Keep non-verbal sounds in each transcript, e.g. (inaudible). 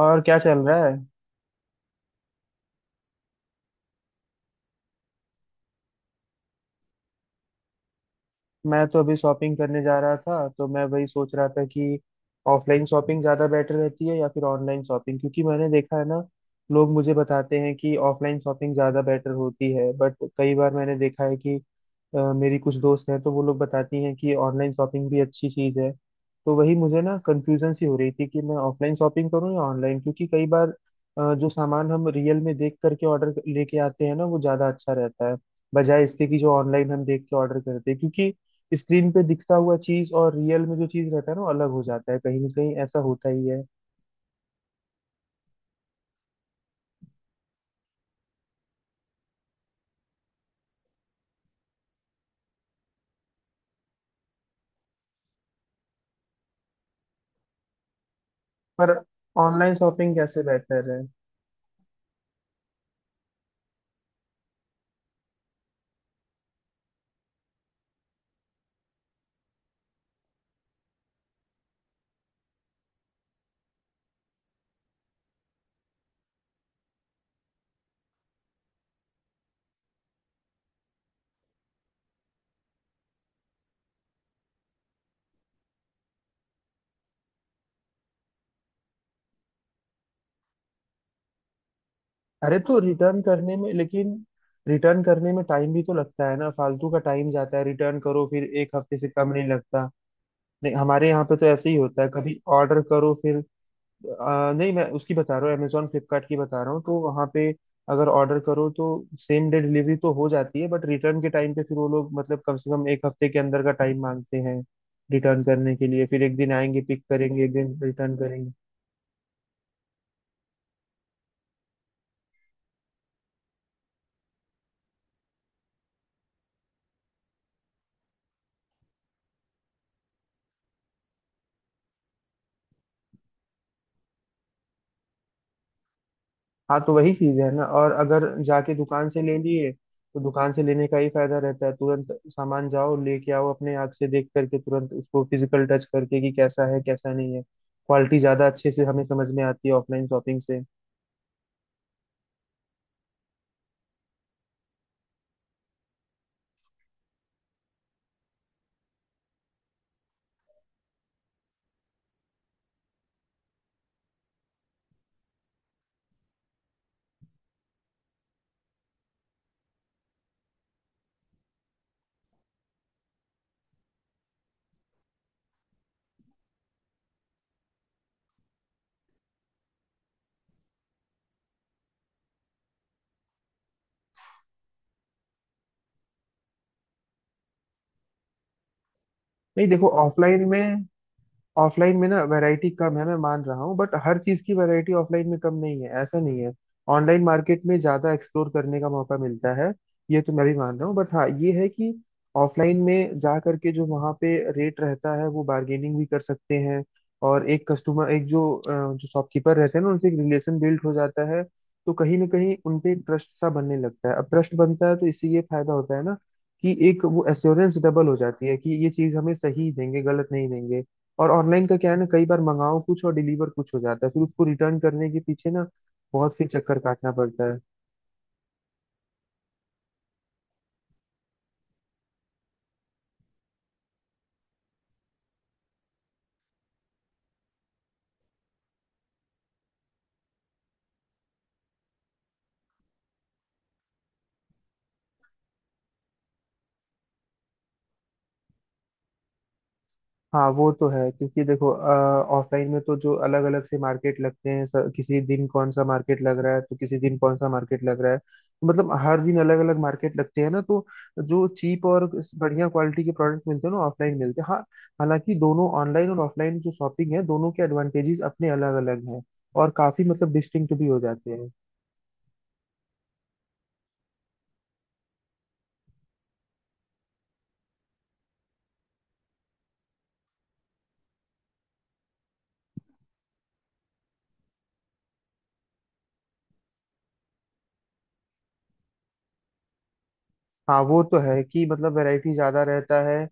और क्या चल रहा है। मैं तो अभी शॉपिंग करने जा रहा था, तो मैं वही सोच रहा था कि ऑफलाइन शॉपिंग ज़्यादा बेटर रहती है या फिर ऑनलाइन शॉपिंग, क्योंकि मैंने देखा है ना, लोग मुझे बताते हैं कि ऑफलाइन शॉपिंग ज़्यादा बेटर होती है, बट कई बार मैंने देखा है कि मेरी कुछ दोस्त हैं तो वो लोग बताती हैं कि ऑनलाइन शॉपिंग भी अच्छी चीज़ है। तो वही मुझे ना कंफ्यूजन सी हो रही थी कि मैं ऑफलाइन शॉपिंग करूँ या ऑनलाइन, क्योंकि कई बार जो सामान हम रियल में देख करके ऑर्डर लेके आते हैं ना वो ज़्यादा अच्छा रहता है, बजाय इसके कि जो ऑनलाइन हम देख के ऑर्डर करते हैं, क्योंकि स्क्रीन पे दिखता हुआ चीज और रियल में जो चीज रहता है ना वो अलग हो जाता है, कहीं ना कहीं ऐसा होता ही है। पर ऑनलाइन शॉपिंग कैसे बेहतर है? अरे तो रिटर्न करने में, लेकिन रिटर्न करने में टाइम भी तो लगता है ना, फालतू का टाइम जाता है, रिटर्न करो फिर एक हफ्ते से कम नहीं लगता। नहीं, हमारे यहाँ पे तो ऐसे ही होता है, कभी ऑर्डर करो फिर नहीं, मैं उसकी बता रहा हूँ, अमेजोन फ्लिपकार्ट की बता रहा हूँ, तो वहाँ पे अगर ऑर्डर करो तो सेम डे डिलीवरी तो हो जाती है, बट रिटर्न के टाइम पे फिर वो लोग मतलब कम से कम एक हफ्ते के अंदर का टाइम मांगते हैं रिटर्न करने के लिए, फिर एक दिन आएंगे पिक करेंगे, एक दिन रिटर्न करेंगे। हाँ तो वही चीज़ है ना, और अगर जाके दुकान से ले लिए तो दुकान से लेने का ही फायदा रहता है, तुरंत सामान जाओ लेके आओ, अपने आँख से देख करके तुरंत उसको फिजिकल टच करके कि कैसा है कैसा नहीं है, क्वालिटी ज़्यादा अच्छे से हमें समझ में आती है ऑफलाइन शॉपिंग से। नहीं देखो ऑफलाइन में, ऑफलाइन में ना वैरायटी कम है मैं मान रहा हूँ, बट हर चीज की वैरायटी ऑफलाइन में कम नहीं है, ऐसा नहीं है। ऑनलाइन मार्केट में ज्यादा एक्सप्लोर करने का मौका मिलता है, ये तो मैं भी मान रहा हूँ, बट हाँ ये है कि ऑफलाइन में जा करके जो वहाँ पे रेट रहता है वो बार्गेनिंग भी कर सकते हैं, और एक कस्टमर एक जो जो शॉपकीपर रहते हैं ना उनसे एक रिलेशन बिल्ड हो जाता है, तो कहीं ना कहीं उनपे ट्रस्ट सा बनने लगता है। अब ट्रस्ट बनता है तो इससे ये फायदा होता है ना कि एक वो एश्योरेंस डबल हो जाती है कि ये चीज हमें सही देंगे, गलत नहीं देंगे। और ऑनलाइन का क्या है ना, कई बार मंगाओ कुछ और डिलीवर कुछ हो जाता है, फिर उसको रिटर्न करने के पीछे ना बहुत फिर चक्कर काटना पड़ता है। हाँ वो तो है, क्योंकि देखो ऑफलाइन में तो जो अलग अलग से मार्केट लगते हैं, किसी दिन कौन सा मार्केट लग रहा है तो किसी दिन कौन सा मार्केट लग रहा है, तो मतलब हर दिन अलग अलग मार्केट लगते हैं ना, तो जो चीप और बढ़िया क्वालिटी के प्रोडक्ट मिलते हैं ना ऑफलाइन मिलते हैं, हाँ। हालांकि दोनों ऑनलाइन और ऑफलाइन जो शॉपिंग है दोनों के एडवांटेजेस अपने अलग अलग हैं, और काफी मतलब डिस्टिंक्ट भी हो जाते हैं। हाँ वो तो है कि मतलब वैरायटी ज्यादा रहता है,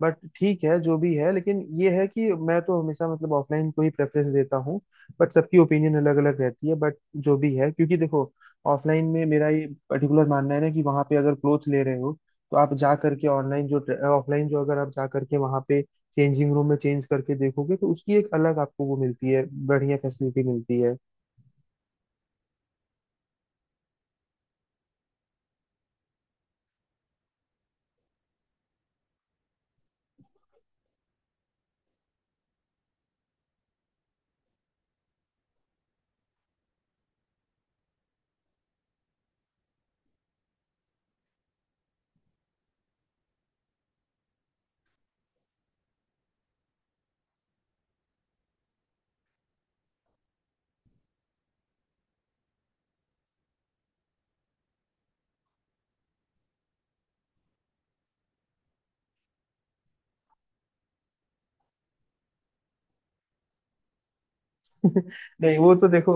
बट ठीक है जो भी है, लेकिन ये है कि मैं तो हमेशा मतलब ऑफलाइन को ही प्रेफरेंस देता हूँ, बट सबकी ओपिनियन अलग अलग रहती है, बट जो भी है, क्योंकि देखो ऑफलाइन में मेरा ये पर्टिकुलर मानना है ना कि वहाँ पे अगर क्लोथ ले रहे हो तो आप जा करके ऑनलाइन जो ऑफलाइन जो अगर आप जा करके वहाँ पे चेंजिंग रूम में चेंज करके देखोगे तो उसकी एक अलग आपको वो मिलती है, बढ़िया फैसिलिटी मिलती है। (laughs) नहीं वो तो देखो,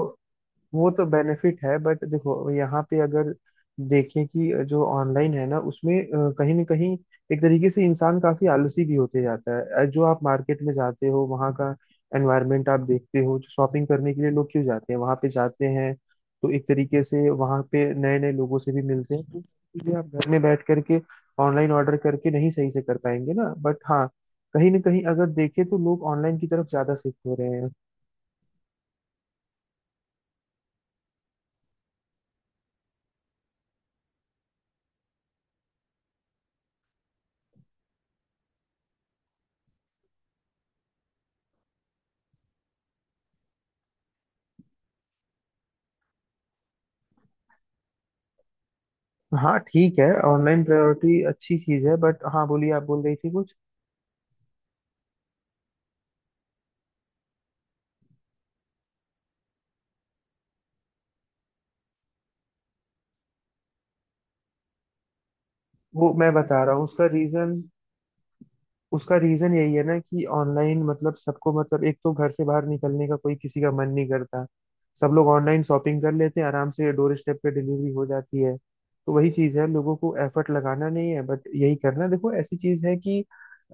वो तो बेनिफिट है, बट देखो यहाँ पे अगर देखें कि जो ऑनलाइन है ना उसमें कहीं ना कहीं एक तरीके से इंसान काफी आलसी भी होते जाता है। जो आप मार्केट में जाते हो वहाँ का एनवायरनमेंट आप देखते हो, जो शॉपिंग करने के लिए लोग क्यों जाते हैं वहाँ पे जाते हैं, तो एक तरीके से वहाँ पे नए नए लोगों से भी मिलते हैं, तो इसलिए आप घर में बैठ करके ऑनलाइन ऑर्डर करके नहीं सही से कर पाएंगे ना, बट हाँ कहीं ना कहीं अगर देखें तो लोग ऑनलाइन की तरफ ज्यादा शिफ्ट हो रहे हैं। हाँ ठीक है, ऑनलाइन प्रायोरिटी अच्छी चीज है, बट हाँ बोलिए, आप बोल रही थी कुछ। वो मैं बता रहा हूँ उसका रीजन, उसका रीजन यही है ना कि ऑनलाइन मतलब सबको मतलब एक तो घर से बाहर निकलने का कोई किसी का मन नहीं करता, सब लोग ऑनलाइन शॉपिंग कर लेते हैं, आराम से डोर स्टेप पे डिलीवरी हो जाती है, तो वही चीज है, लोगों को एफर्ट लगाना नहीं है, बट यही करना, देखो ऐसी चीज है कि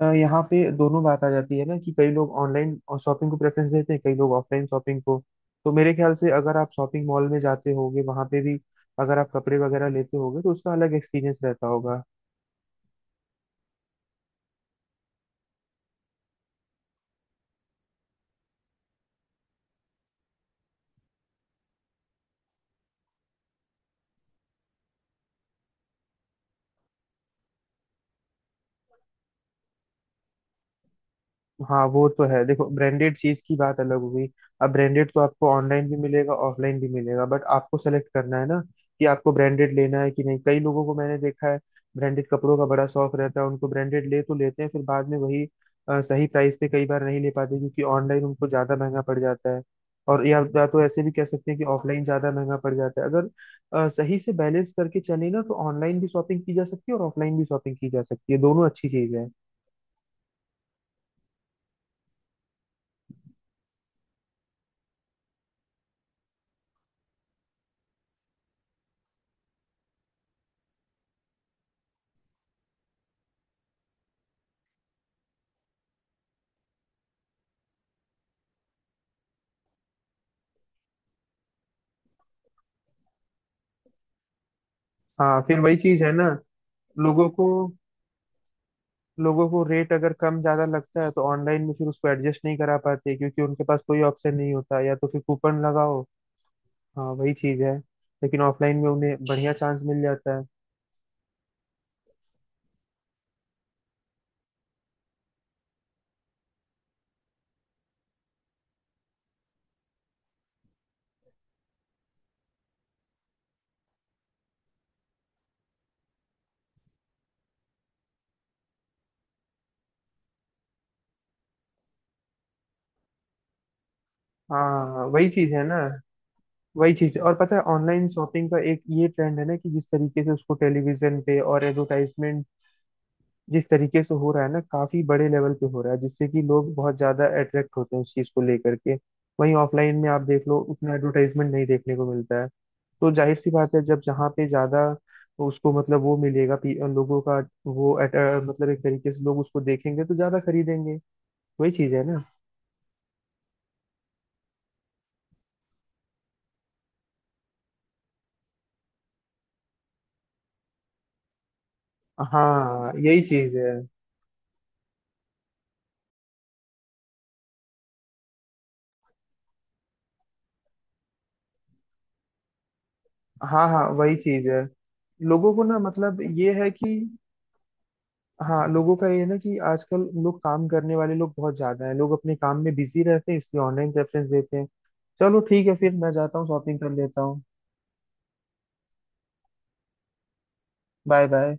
यहाँ पे दोनों बात आ जाती है ना कि कई लोग ऑनलाइन शॉपिंग को प्रेफरेंस देते हैं, कई लोग ऑफलाइन शॉपिंग को। तो मेरे ख्याल से अगर आप शॉपिंग मॉल में जाते होगे वहां पे भी अगर आप कपड़े वगैरह लेते होगे तो उसका अलग एक्सपीरियंस रहता होगा। हाँ वो तो है, देखो ब्रांडेड चीज की बात अलग हो गई, अब ब्रांडेड तो आपको ऑनलाइन भी मिलेगा ऑफलाइन भी मिलेगा, बट आपको सेलेक्ट करना है ना कि आपको ब्रांडेड लेना है कि नहीं। कई लोगों को मैंने देखा है ब्रांडेड कपड़ों का बड़ा शौक रहता है, उनको ब्रांडेड ले तो लेते हैं, फिर बाद में वही सही प्राइस पे कई बार नहीं ले पाते क्योंकि ऑनलाइन उनको ज्यादा महंगा पड़ जाता है, और या तो ऐसे भी कह सकते हैं कि ऑफलाइन ज्यादा महंगा पड़ जाता है। अगर सही से बैलेंस करके चले ना तो ऑनलाइन भी शॉपिंग की जा सकती है और ऑफलाइन भी शॉपिंग की जा सकती है, दोनों अच्छी चीज है। हाँ फिर वही चीज है ना, लोगों को लोगों को रेट अगर कम ज्यादा लगता है तो ऑनलाइन में फिर उसको एडजस्ट नहीं करा पाते क्योंकि उनके पास कोई ऑप्शन नहीं होता, या तो फिर कूपन लगाओ। हाँ वही चीज है, लेकिन ऑफलाइन में उन्हें बढ़िया चांस मिल जाता है। हाँ वही चीज है ना, वही चीज। और पता है ऑनलाइन शॉपिंग का एक ये ट्रेंड है ना कि जिस तरीके से उसको टेलीविजन पे और एडवर्टाइजमेंट जिस तरीके से हो रहा है ना काफी बड़े लेवल पे हो रहा है, जिससे कि लोग बहुत ज्यादा अट्रैक्ट होते हैं उस चीज को लेकर के। वहीं ऑफलाइन में आप देख लो उतना एडवर्टाइजमेंट नहीं देखने को मिलता है, तो जाहिर सी बात है जब जहाँ पे ज्यादा उसको मतलब वो मिलेगा लोगों का मतलब एक तरीके से लोग उसको देखेंगे तो ज्यादा खरीदेंगे, वही चीज है ना। हाँ यही चीज है। हाँ हाँ वही चीज है, लोगों को ना मतलब ये है कि हाँ लोगों का ये है ना कि आजकल लोग काम करने वाले लोग बहुत ज्यादा हैं, लोग अपने काम में बिजी रहते हैं, इसलिए ऑनलाइन प्रेफरेंस देते हैं। चलो ठीक है, फिर मैं जाता हूँ शॉपिंग कर लेता हूँ। Bye bye.